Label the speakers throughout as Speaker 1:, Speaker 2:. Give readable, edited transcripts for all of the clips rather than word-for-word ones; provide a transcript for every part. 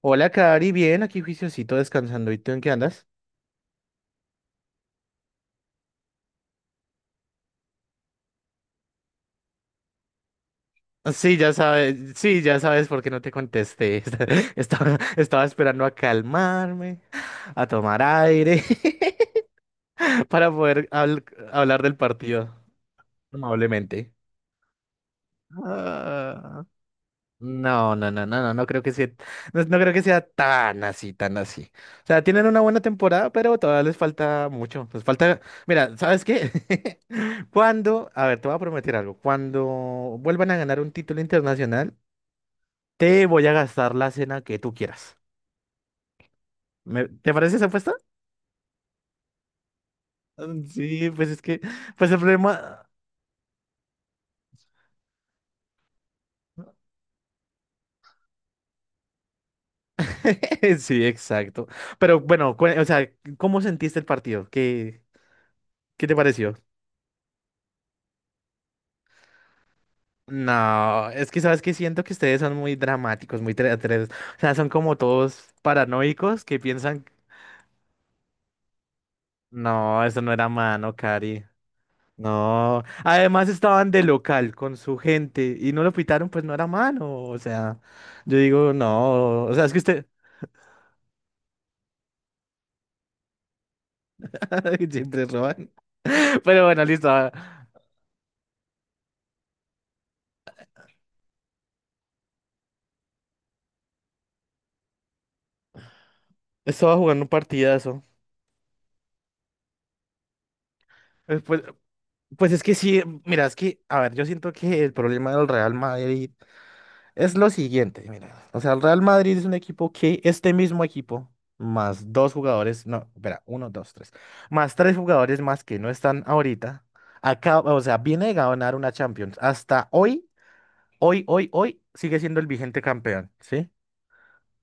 Speaker 1: Hola, Cari, bien, aquí juiciosito descansando. ¿Y tú en qué andas? Sí, ya sabes por qué no te contesté. Estaba esperando a calmarme, a tomar aire, para poder habl- hablar del partido amablemente. Ah, no, no, no, no, no, no, no creo que sea tan así, tan así. O sea, tienen una buena temporada, pero todavía les falta mucho. Les falta, mira, ¿sabes qué? A ver, te voy a prometer algo. Cuando vuelvan a ganar un título internacional, te voy a gastar la cena que tú quieras. ¿Te parece esa apuesta? Sí, pues el problema. Sí, exacto. Pero bueno, o sea, ¿cómo sentiste el partido? ¿Qué te pareció? No, es que sabes que siento que ustedes son muy dramáticos, o sea, son como todos paranoicos que piensan, no, eso no era mano, Cari. No. Además estaban de local con su gente y no lo pitaron, pues no era mano. O sea, yo digo, no. O sea, es que usted siempre roban. Pero bueno, listo. Estaba jugando un partidazo. Eh, Pues, pues es que sí, mira, a ver, yo siento que el problema del Real Madrid. Es lo siguiente, mira. O sea, el Real Madrid es un equipo que este mismo equipo, más dos jugadores, no, espera, uno, dos, tres, más tres jugadores más que no están ahorita, acaba, o sea, viene de ganar una Champions. Hasta hoy, hoy, hoy, hoy, sigue siendo el vigente campeón, ¿sí?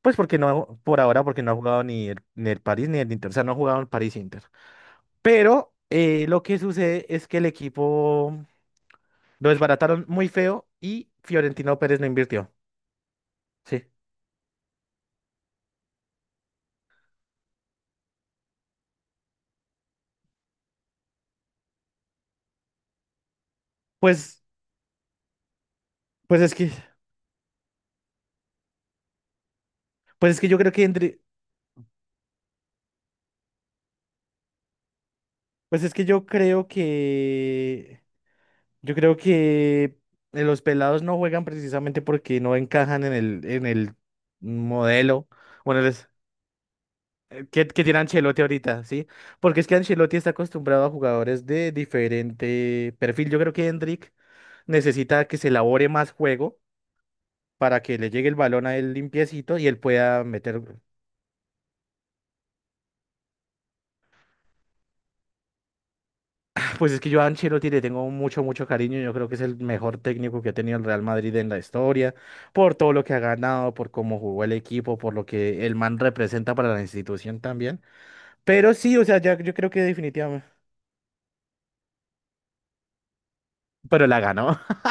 Speaker 1: Pues porque no, por ahora, porque no ha jugado ni el París ni el Inter, o sea, no ha jugado el París Inter. Pero lo que sucede es que el equipo lo desbarataron muy feo y Fiorentino Pérez no invirtió, ¿sí? Pues, pues es que. Pues es que yo creo pues es que yo creo que, yo creo que los pelados no juegan precisamente porque no encajan en el modelo, bueno, les, que tiene Ancelotti ahorita, ¿sí? Porque es que Ancelotti está acostumbrado a jugadores de diferente perfil. Yo creo que Hendrik necesita que se elabore más juego para que le llegue el balón a él limpiecito y él pueda meter. Pues es que yo a Ancelotti le tengo mucho, mucho cariño. Yo creo que es el mejor técnico que ha tenido el Real Madrid en la historia, por todo lo que ha ganado, por cómo jugó el equipo, por lo que el man representa para la institución también. Pero sí, o sea, ya yo creo que definitivamente. Pero la ganó.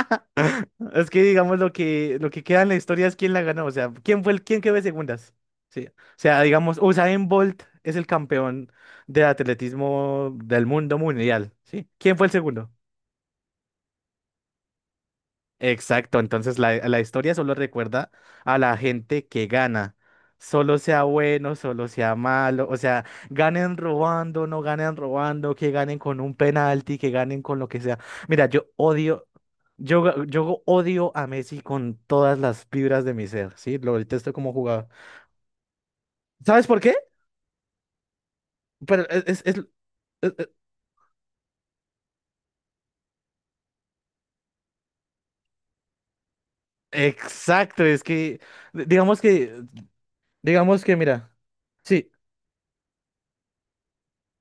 Speaker 1: Es que digamos lo que queda en la historia es quién la ganó. O sea, quién fue el quién quedó de segundas. Sí. O sea, digamos, Usain Bolt es el campeón de atletismo del mundo mundial. ¿Sí? ¿Quién fue el segundo? Exacto, entonces la historia solo recuerda a la gente que gana, solo sea bueno, solo sea malo, o sea, ganen robando, no ganen robando, que ganen con un penalti, que ganen con lo que sea. Mira, yo odio a Messi con todas las fibras de mi ser, ¿sí? Lo detesto como jugador. ¿Sabes por qué? Pero es, es- es- es- es- exacto, digamos que, digamos que, mira. Sí,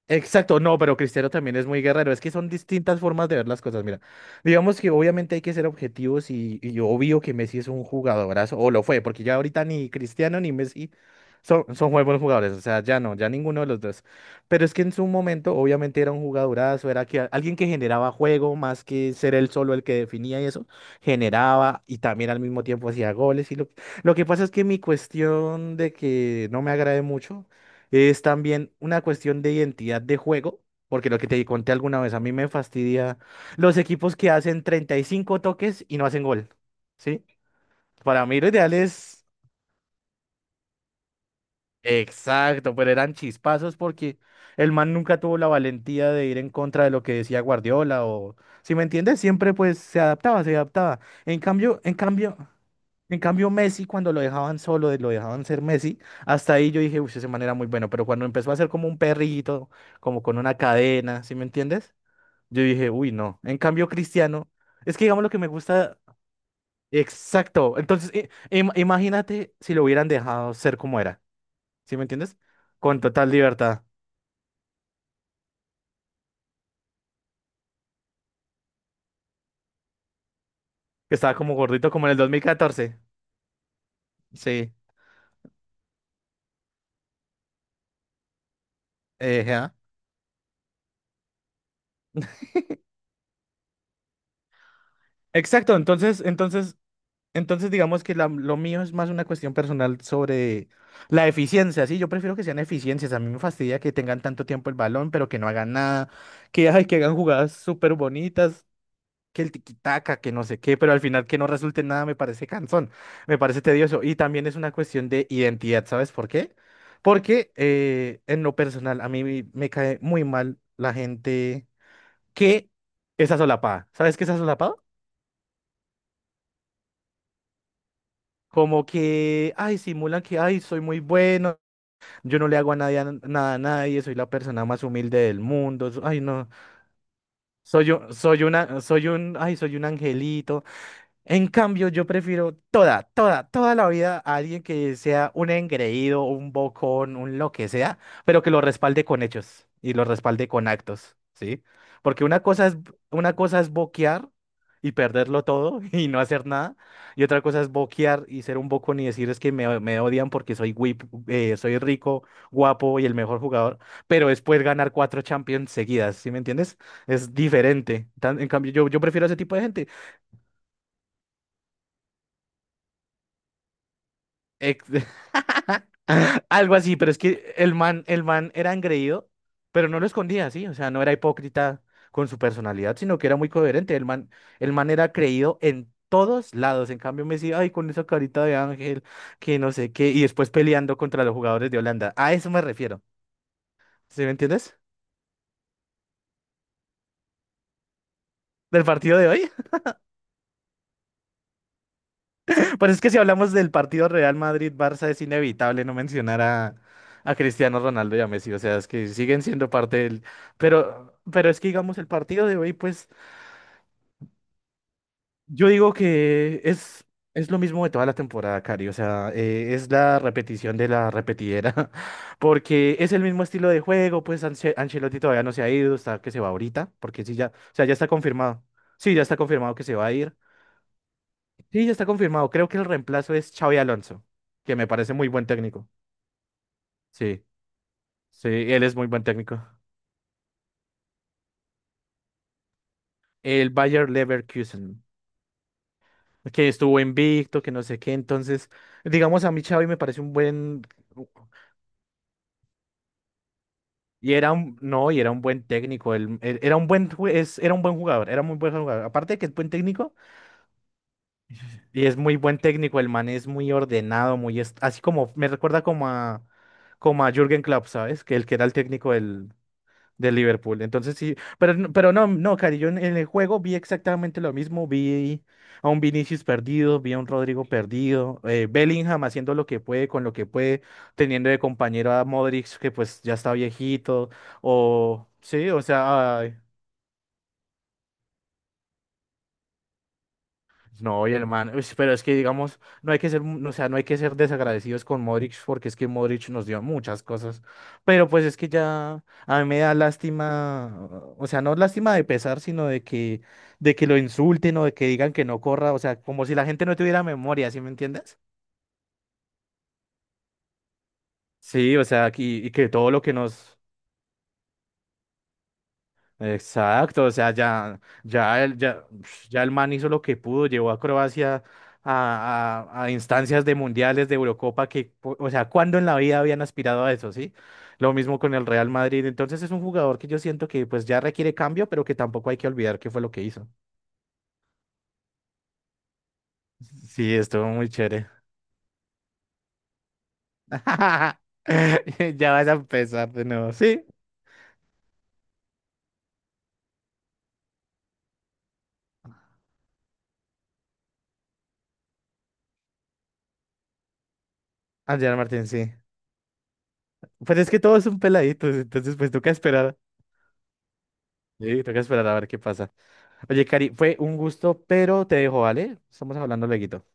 Speaker 1: exacto, no, pero Cristiano también es muy guerrero. Es que son distintas formas de ver las cosas. Mira, digamos que obviamente hay que ser objetivos y obvio que Messi es un jugadorazo, o lo fue, porque ya ahorita ni Cristiano ni Messi son muy buenos jugadores. O sea, ya no, ya ninguno de los dos. Pero es que en su momento, obviamente era un jugadorazo, era que, alguien que generaba juego más que ser él solo el que definía y eso, generaba y también al mismo tiempo hacía goles. Lo que pasa es que mi cuestión de que no me agrade mucho. Es también una cuestión de identidad de juego, porque lo que te conté alguna vez, a mí me fastidia los equipos que hacen 35 toques y no hacen gol, ¿sí? Para mí lo ideal es exacto, pero eran chispazos porque el man nunca tuvo la valentía de ir en contra de lo que decía Guardiola o, si me entiendes, siempre pues se adaptaba, se adaptaba. En cambio Messi cuando lo dejaban solo, lo dejaban ser Messi, hasta ahí yo dije, uy, ese man era muy bueno, pero cuando empezó a ser como un perrito, como con una cadena, ¿sí me entiendes? Yo dije, uy, no. En cambio Cristiano, es que digamos lo que me gusta, exacto. Entonces, imagínate si lo hubieran dejado ser como era. ¿Sí me entiendes? Con total libertad. Que estaba como gordito como en el 2014. Sí. Ya. Exacto, entonces digamos que lo mío es más una cuestión personal sobre la eficiencia, ¿sí? Yo prefiero que sean eficiencias, a mí me fastidia que tengan tanto tiempo el balón, pero que no hagan nada, que, ay, que hagan jugadas súper bonitas, que el tiquitaca, que no sé qué, pero al final que no resulte en nada me parece cansón, me parece tedioso. Y también es una cuestión de identidad, ¿sabes por qué? Porque en lo personal a mí me cae muy mal la gente que es asolapada. ¿Sabes qué es asolapado? Como que, ay, simulan que, ay, soy muy bueno, yo no le hago a nadie, a nada a nadie, soy la persona más humilde del mundo, ay, no, soy un, ay, soy un angelito. En cambio, yo prefiero toda, toda, toda la vida a alguien que sea un engreído, un bocón, un lo que sea, pero que lo respalde con hechos y lo respalde con actos, ¿sí? Porque una cosa es boquear y perderlo todo y no hacer nada, y otra cosa es boquear y ser un bocón y decir es que me odian porque soy, soy rico, guapo y el mejor jugador, pero después ganar cuatro Champions seguidas, ¿sí me entiendes? Es diferente. En cambio, yo prefiero ese tipo de gente. Ex- Algo así, pero es que el man era engreído, pero no lo escondía, ¿sí? O sea, no era hipócrita con su personalidad, sino que era muy coherente. El man era creído en todos lados. En cambio, Messi ay, con esa carita de ángel, que no sé qué, y después peleando contra los jugadores de Holanda. A eso me refiero. ¿Sí me entiendes? Del partido de hoy. Pero es que si hablamos del partido Real Madrid-Barça, es inevitable no mencionar a Cristiano Ronaldo y a Messi. O sea, es que siguen siendo parte del. Pero es que, digamos, el partido de hoy, pues. Yo digo que es lo mismo de toda la temporada, Cari. O sea, es la repetición de la repetidera. Porque es el mismo estilo de juego. Pues Ancelotti todavía no se ha ido. Está que se va ahorita. Porque sí, ya. O sea, ya está confirmado. Sí, ya está confirmado que se va a ir. Sí, ya está confirmado. Creo que el reemplazo es Xavi Alonso. Que me parece muy buen técnico. Sí, sí, él es muy buen técnico. El Bayer Leverkusen. Que estuvo invicto, que no sé qué. Entonces, digamos, a mí Xavi me parece un buen. Y era un, no, y era un buen técnico, era un buen jugador, era muy buen jugador. Aparte de que es buen técnico, y es muy buen técnico, el man es muy ordenado, muy, así como, me recuerda como a Jürgen Klopp, ¿sabes? Que el que era el técnico de Liverpool. Entonces sí, pero no, no, Cari, yo en el juego vi exactamente lo mismo, vi a un Vinicius perdido, vi a un Rodrigo perdido, Bellingham haciendo lo que puede con lo que puede, teniendo de compañero a Modric que pues ya está viejito, o sea, ay, no, y el man, uy, sí, pero es que digamos, no hay que ser, mu- no, o sea, no hay que ser desagradecidos con Modric porque es que Modric nos dio muchas cosas, pero pues es que ya a mí me da lástima, o sea, no lástima de pesar, sino de que lo insulten o de que digan que no corra, o sea, como si la gente no tuviera memoria, ¿sí me entiendes? Sí, o sea, aquí y que todo lo que nos exacto, o sea, ya el man hizo lo que pudo, llevó a Croacia a instancias de mundiales, de Eurocopa, o sea, ¿cuándo en la vida habían aspirado a eso, sí? Lo mismo con el Real Madrid, entonces es un jugador que yo siento que pues ya requiere cambio, pero que tampoco hay que olvidar qué fue lo que hizo. Sí, estuvo muy chévere. Ya vas a empezar de nuevo, ¿sí? Adrián Martín, sí. Pues es que todo es un peladito, entonces pues toca esperar, sí, toca esperar a ver qué pasa. Oye, Cari, fue un gusto, pero te dejo, ¿vale? Estamos hablando luego.